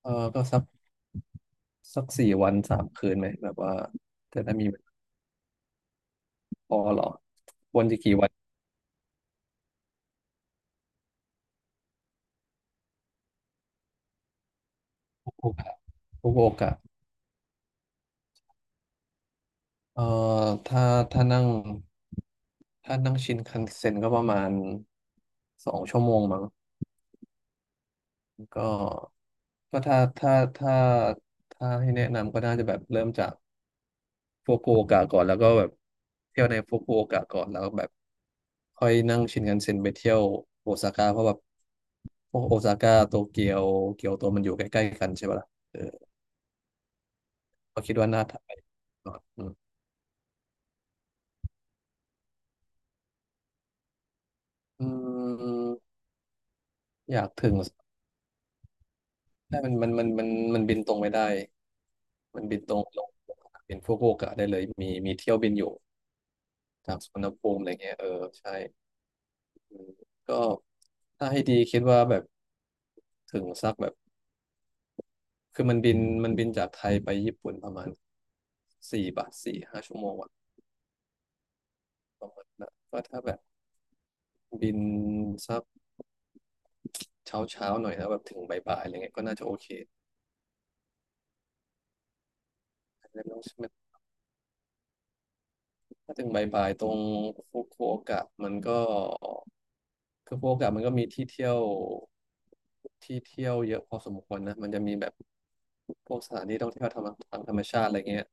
เออก็สัก4 วัน 3 คืนไหมแบบว่าจะได้มีพอเหรอวันจะกี่วันทุกโอกาสทุกโอกาสเออถ้าถ้านั่งถ้านั่งชินคันเซ็นก็ประมาณ2 ชั่วโมงมั้งก็ก็ถ้าให้แนะนำก็น่าจะแบบเริ่มจาก ฟุกุโอกะก่อนแล้วก็แบบเที่ยวในฟุกุโอกะก่อนแล้วแบบค่อยนั่งชินคันเซ็นไปเที่ยวโอซาก้าเพราะแบบพวกโอซาก้าโตเกียวเกียวโตมันอยู่ใกล้ๆกันใช่ปะล่ะเออก็คิดว่าน่าทำไปก่อนอืมอืมอยากถึงใช่มันมันบินตรงไม่ได้มันบินตรงลงเป็นฟุกุโอกะได้เลยมีเที่ยวบินอยู่จากสุวรรณภูมิอะไรเงี้ยเออใช่อืมก็ถ้าให้ดีคิดว่าแบบถึงสักแบบ คือมันบินจากไทยไปญี่ปุ่นประมาณ4-5 ชั่วโมงอะนะก็ถ้าแบบบินสักเช้าเช้าหน่อยแล้วแบบถึงบ่ายๆอะไรเงี้ยก็น่าจะโอเคไม่ต้องถ้าถึงบ่ายๆตรงฟุกุโอกะมันก็คือฟุกุโอกะมันก็มีที่เที่ยวที่เที่ยวเยอะพอสมควรนะมันจะมีแบบพวกสถานที่ท่องเที่ยวธรรมทางธรรมชาติอะไรเงี้ย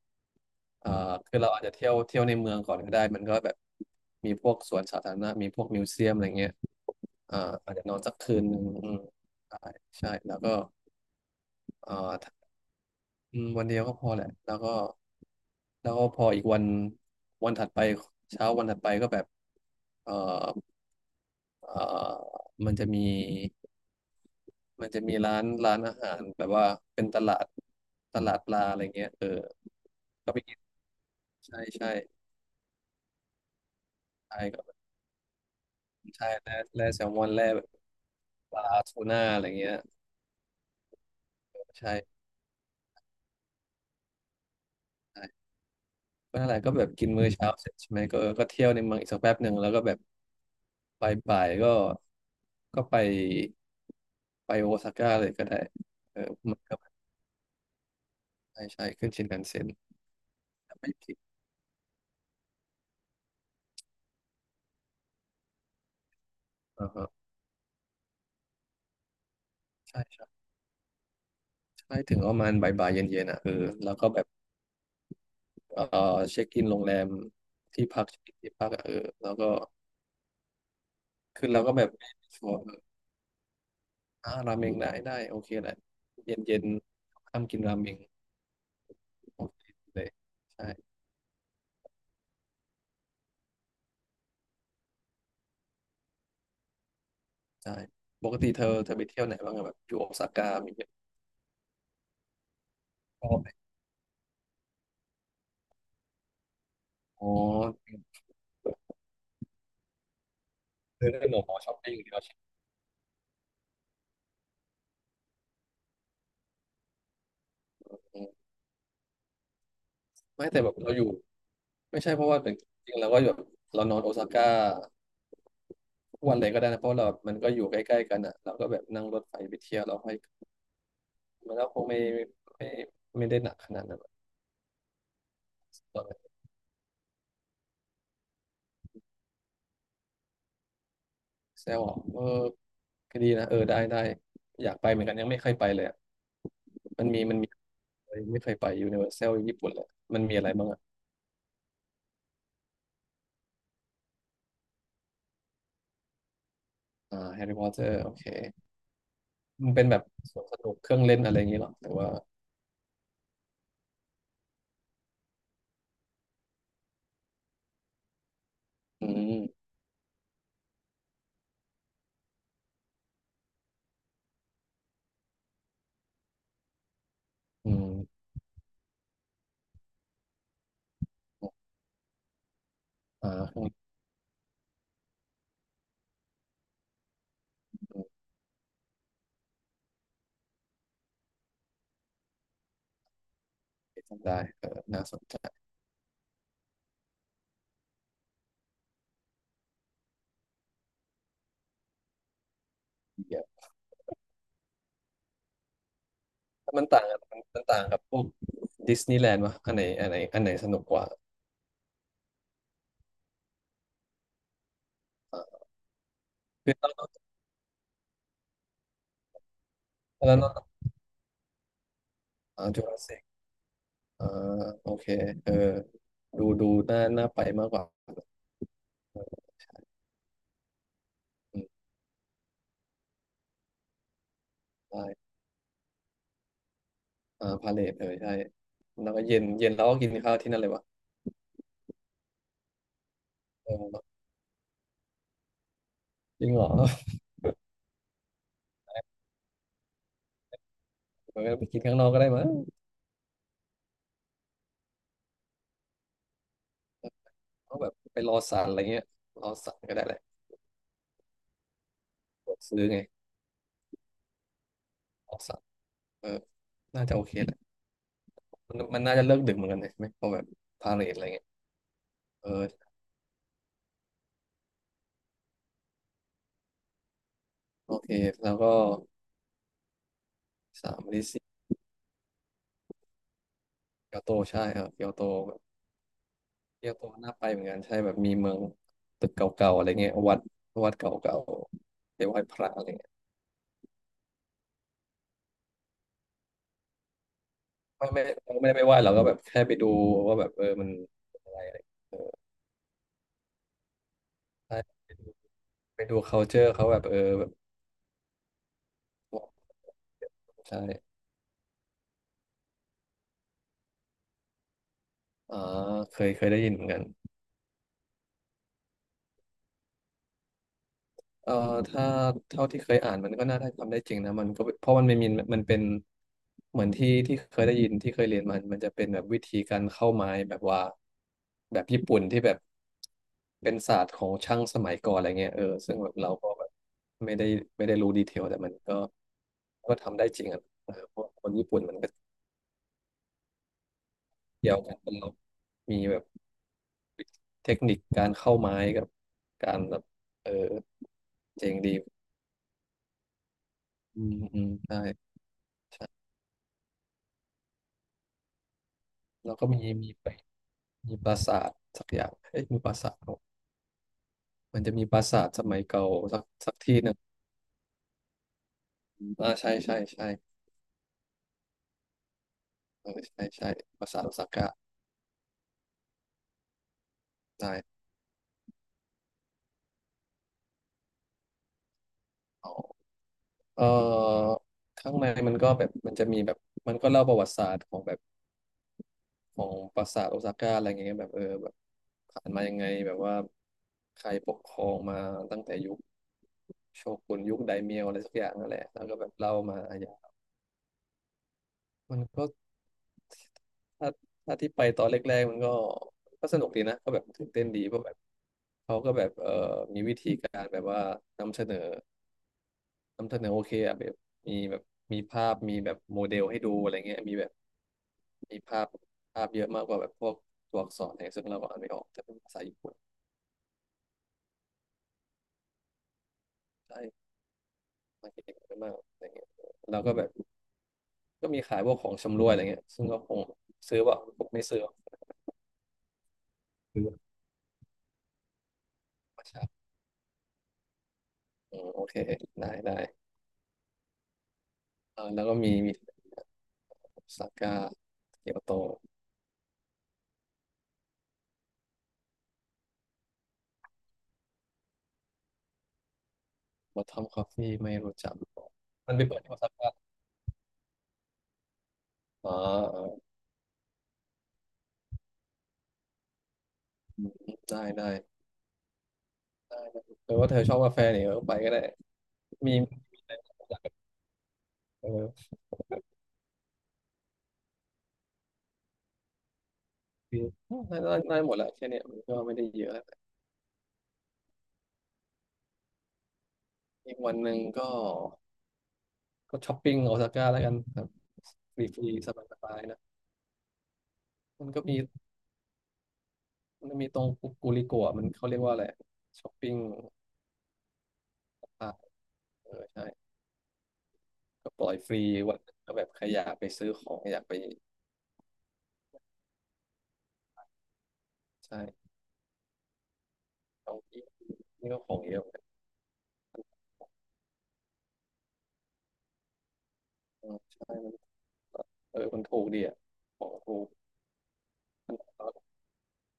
อ่าคือเราอาจจะเที่ยวเที่ยวในเมืองก่อนก็ได้มันก็แบบมีพวกสวนสาธารณะมีพวกมิวเซียมอะไรเงี้ย เอ่าอาจจะนอนสักคืนหนึ่งอืมใช่ใช่แล้วก็เอ่าอืมวันเดียวก็พอแหละแล้วก็แล้วก็พออีกวันวันถัดไปเช้าวันถัดไปก็แบบเอ่อเอ่อมันจะมีมันจะมีร้านอาหารแบบว่าเป็นตลาดปลาอะไรเงี้ยเออก็ไปกินใช่ใช่ใช่ก็ใช่แร่แซลมอนแร่แบบปลาทูน่าอะไรเงี้ยใช่ใช่ก็นั่นแหละก็แบบกินมื้อเช้าเสร็จใช่ไหมก็เที่ยวในเมืองอีกสักแป๊บหนึ่งแล้วก็แบบ ไปบ่ายๆก็ไปไปโอซาก้าเลยก็ได้เออมันก็ใช่ใช่ขึ้นชินคันเซ็นไปผิดอ่าฮะใช่ใช่ใช่ถึงประมาณบ่ายบ่ายเย็นเย็นๆอ่ะเออแล้วก็แบบเออเช็คอินโรงแรมที่พักเช็คอินที่พักอะเออแล้วก็คือเราก็แบบชัวร์เออราเมงได้ได้โอเคแหละเย็นเย็นค่ำกินราเมงโอเคเลยใช่ใช่ปกติเธอไปเที่ยวไหนบ้างอะแบบอยู่โอซาก้ามีเที่ยอะชอบไหมอ๋อเธอนเลหนอช้อปปิ้งที่เราชิม ไม่แต่แบบเราอยู่ไม่ใช่เพราะว่าแต่จริงๆเราก็แบบเรานอนโอซาก้าทุกวันเลยก็ได้นะเพราะเรามันก็อยู่ใกล้ๆกันอ่ะเราก็แบบนั่งรถไฟไปเที่ยวเราให้มันแล้วคงไม่ไม่ไม่ได้หนักขนาดนั้นอะตอนนั้นแซวอ่ะเออก็ดีนะเออได้ได้อยากไปเหมือนกันยังไม่เคยไปเลยอะมันมีมันมีไม่เคยไปยูนิเวอร์แซลญี่ปุ่นเลยมันมีอะไรบ้างอ่ะอ่าแฮร์รี่พอตเตอร์โอเคมันเป็นแบบสวนสนุกเครื่องเล่นอะไรอย่างงี้เหรอแต่ว่าอืมอืมอ่า ได้เออน่าสนใจเยอะถ้ามันต่างกันมันต่างกับพวกดิสนีย์แลนด์วะอันไหนสนุกกว่าอ่าคือเราแล้เราอ่าจูราสสิกอ่าโอเคเออดูดูน่าน่าไปมากกว่าอืมได้อ่าพาเลทเออ ใช่แล้วก็เย็นเย็นแล้วก็กินข้าวที่นั่นเลยวะเออจริงเหรอเออไปกินข้างนอกก็ได้มั้งเอาแบบไปรอสารอะไรเงี้ยรอสารก็ได้แหละกดซื้อไงรอสารเออน่าจะโอเคแหละ มันน่าจะเลิกดึกเหมือนกันเลยใช่ไหมเพอแบบพาเลทอะไรเงี้ย เออโอเคแล้วก็สามลิซิเกียวโตใช่ครับเกียวโตเกียวโตน่าไปเหมือนกันใช่แบบมีเมืองตึกเก่าๆอะไรเงี้ยวัดวัดเก่าๆไปไหว้พระอะไรเงี้ยไม่ไม่เราไม่ได้ไปไหว้เราก็แบบแค่ไปดูว่าแบบเออมันเป็นอะไรอะไรใช่ไปดูไปดู culture เขาแบบเออแบบใช่อ่าเคยได้ยินเหมือนกัน เอ่อถ้าเท่าที่เคยอ่านมันก็น่าได้ทำได้จริงนะมันก็เพราะมันไม่มีมันเป็นเหมือนที่เคยได้ยินที่เคยเรียนมันจะเป็นแบบวิธีการเข้าไม้แบบว่าแบบญี่ปุ่นที่แบบเป็นศาสตร์ของช่างสมัยก่อนอะไรเงี้ยเออซึ่งแบบเราก็แบบไม่ได้ไม่ได้รู้ดีเทลแต่มันก็ทำได้จริงอ่ะเออเพราะคนญี่ปุ่นมันก็เกี่ยวกันเป็นเรามีแบบเทคนิคการเข้าไม้กับการแบบเออเจ๋งดีอืมอืมใช่แล้วก็มีไป มีปราสาทสักอย่างเอ๊ะมีปราสาทเหรอมันจะมีปราสาทสมัยเก่าสักที่หนึ่งอ่าใช่ใช่ใช่เออใช่ใช่ปราสาทโอซาก้าได้อ๋อเออข้างในมันก็แบบมันจะมีแบบมันก็เล่าประวัติศาสตร์ของแบบของปราสาทโอซาก้าอะไรอย่างเงี้ยแบบเออแบบผ่านมายังไงแบบว่าใครปกครองมาตั้งแต่ยุคโชกุนยุคไดเมียวอะไรสักอย่างนั่นแหละแล้วก็แบบเล่ามาอะไรอย่างมันก็ ถ้าถ้าที่ไปตอนแรกๆมันก็สนุกดีนะก็แบบตื่นเต้นดีเพราะแบบเขาก็แบบมีวิธีการแบบว่านำเสนอนำเสนอโอเคอะแบบมีแบบมีภาพมีแบบโมเดลให้ดูอะไรเงี้ยมีแบบมีภาพเยอะมากกว่าแบบพวกตัวอักษรอะไรซึ่งเราก็อ่านไม่ออกแต่เป็นภาษาญี่ปุ่นใช่มาเก่งมากอะไรเงี้ยเราก็แบบก็มีขายพวกของชำร่วยอะไรเงี้ยซึ่งก็คงซื้อว่าผมไม่ซื้ออซื้อประชาอืมโอเคได้ได้เออแล้วก็มี โอซาก้าเกียวโตวอททอมคอฟฟี่ไม่รู้จักมันไปเปิดที่โอซาก้าอ๋อเอออืมได้ได้ได้ได้เออว่าเธอชอบกาแฟเนี่ยเออไปก็ได้มีเออคือได้หมดแหละแค่เนี้ยมันก็ไม่ได้เยอะอีกวันหนึ่งก็ก็ช้อปปิ้งโอซาก้าแล้วกันครับฟรีฟรีสบายสบายนะมันก็มีมันมีตรงกูริโกะมันเขาเรียกว่าอะไรช้อปปิ้งอ่ะเออใช่ก็ปล่อยฟรีวันก็แบบใครอยากไปซื้อของอยากไปใช่เอาที่ นี่ก็ของเยอะเหมือนกันอืมใช่มันเออมันถูกดีอ่ะของถูกแล้วก็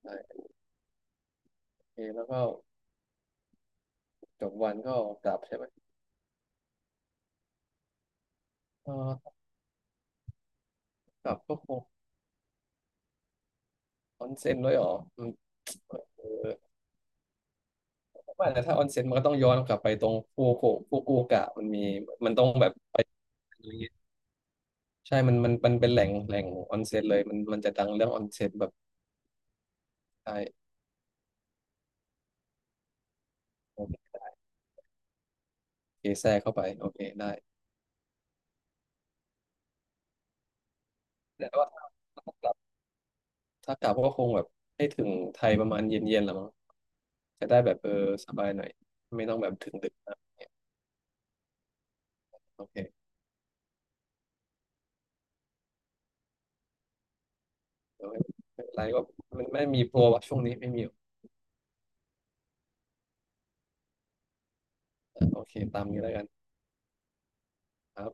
ได้โอเคแล้วก็จบวันก็กลับใช่ไหมเออกลับก็คงออนเซ็นด้วยเหรออืมเออไม่แต่ถ้าออนเซ็นมันก็ต้องย้อนกลับไปตรงฟูกุกะมันมีมันต้องแบบไปอะไรเงี้ยใช่มันเป็นแหล่งออนเซ็นเลยมันจะดังเรื่องออนเซ็นแบบใช่โอเคแทรกเข้าไปโอเคได้แต่ว่าถ้ากลับถ้ากลับก็คงแบบให้ถึงไทยประมาณเย็นๆแหละมั้ง จะได้แบบเออสบายหน่อยไม่ต้องแบบถึงดึกนะโอเคโอเคไม่เป็นไรก็มันไม่มีโปรอะช่วงนี้ไม่มีหรอกอ่ะโอเคตามนี้แล้วกันครับ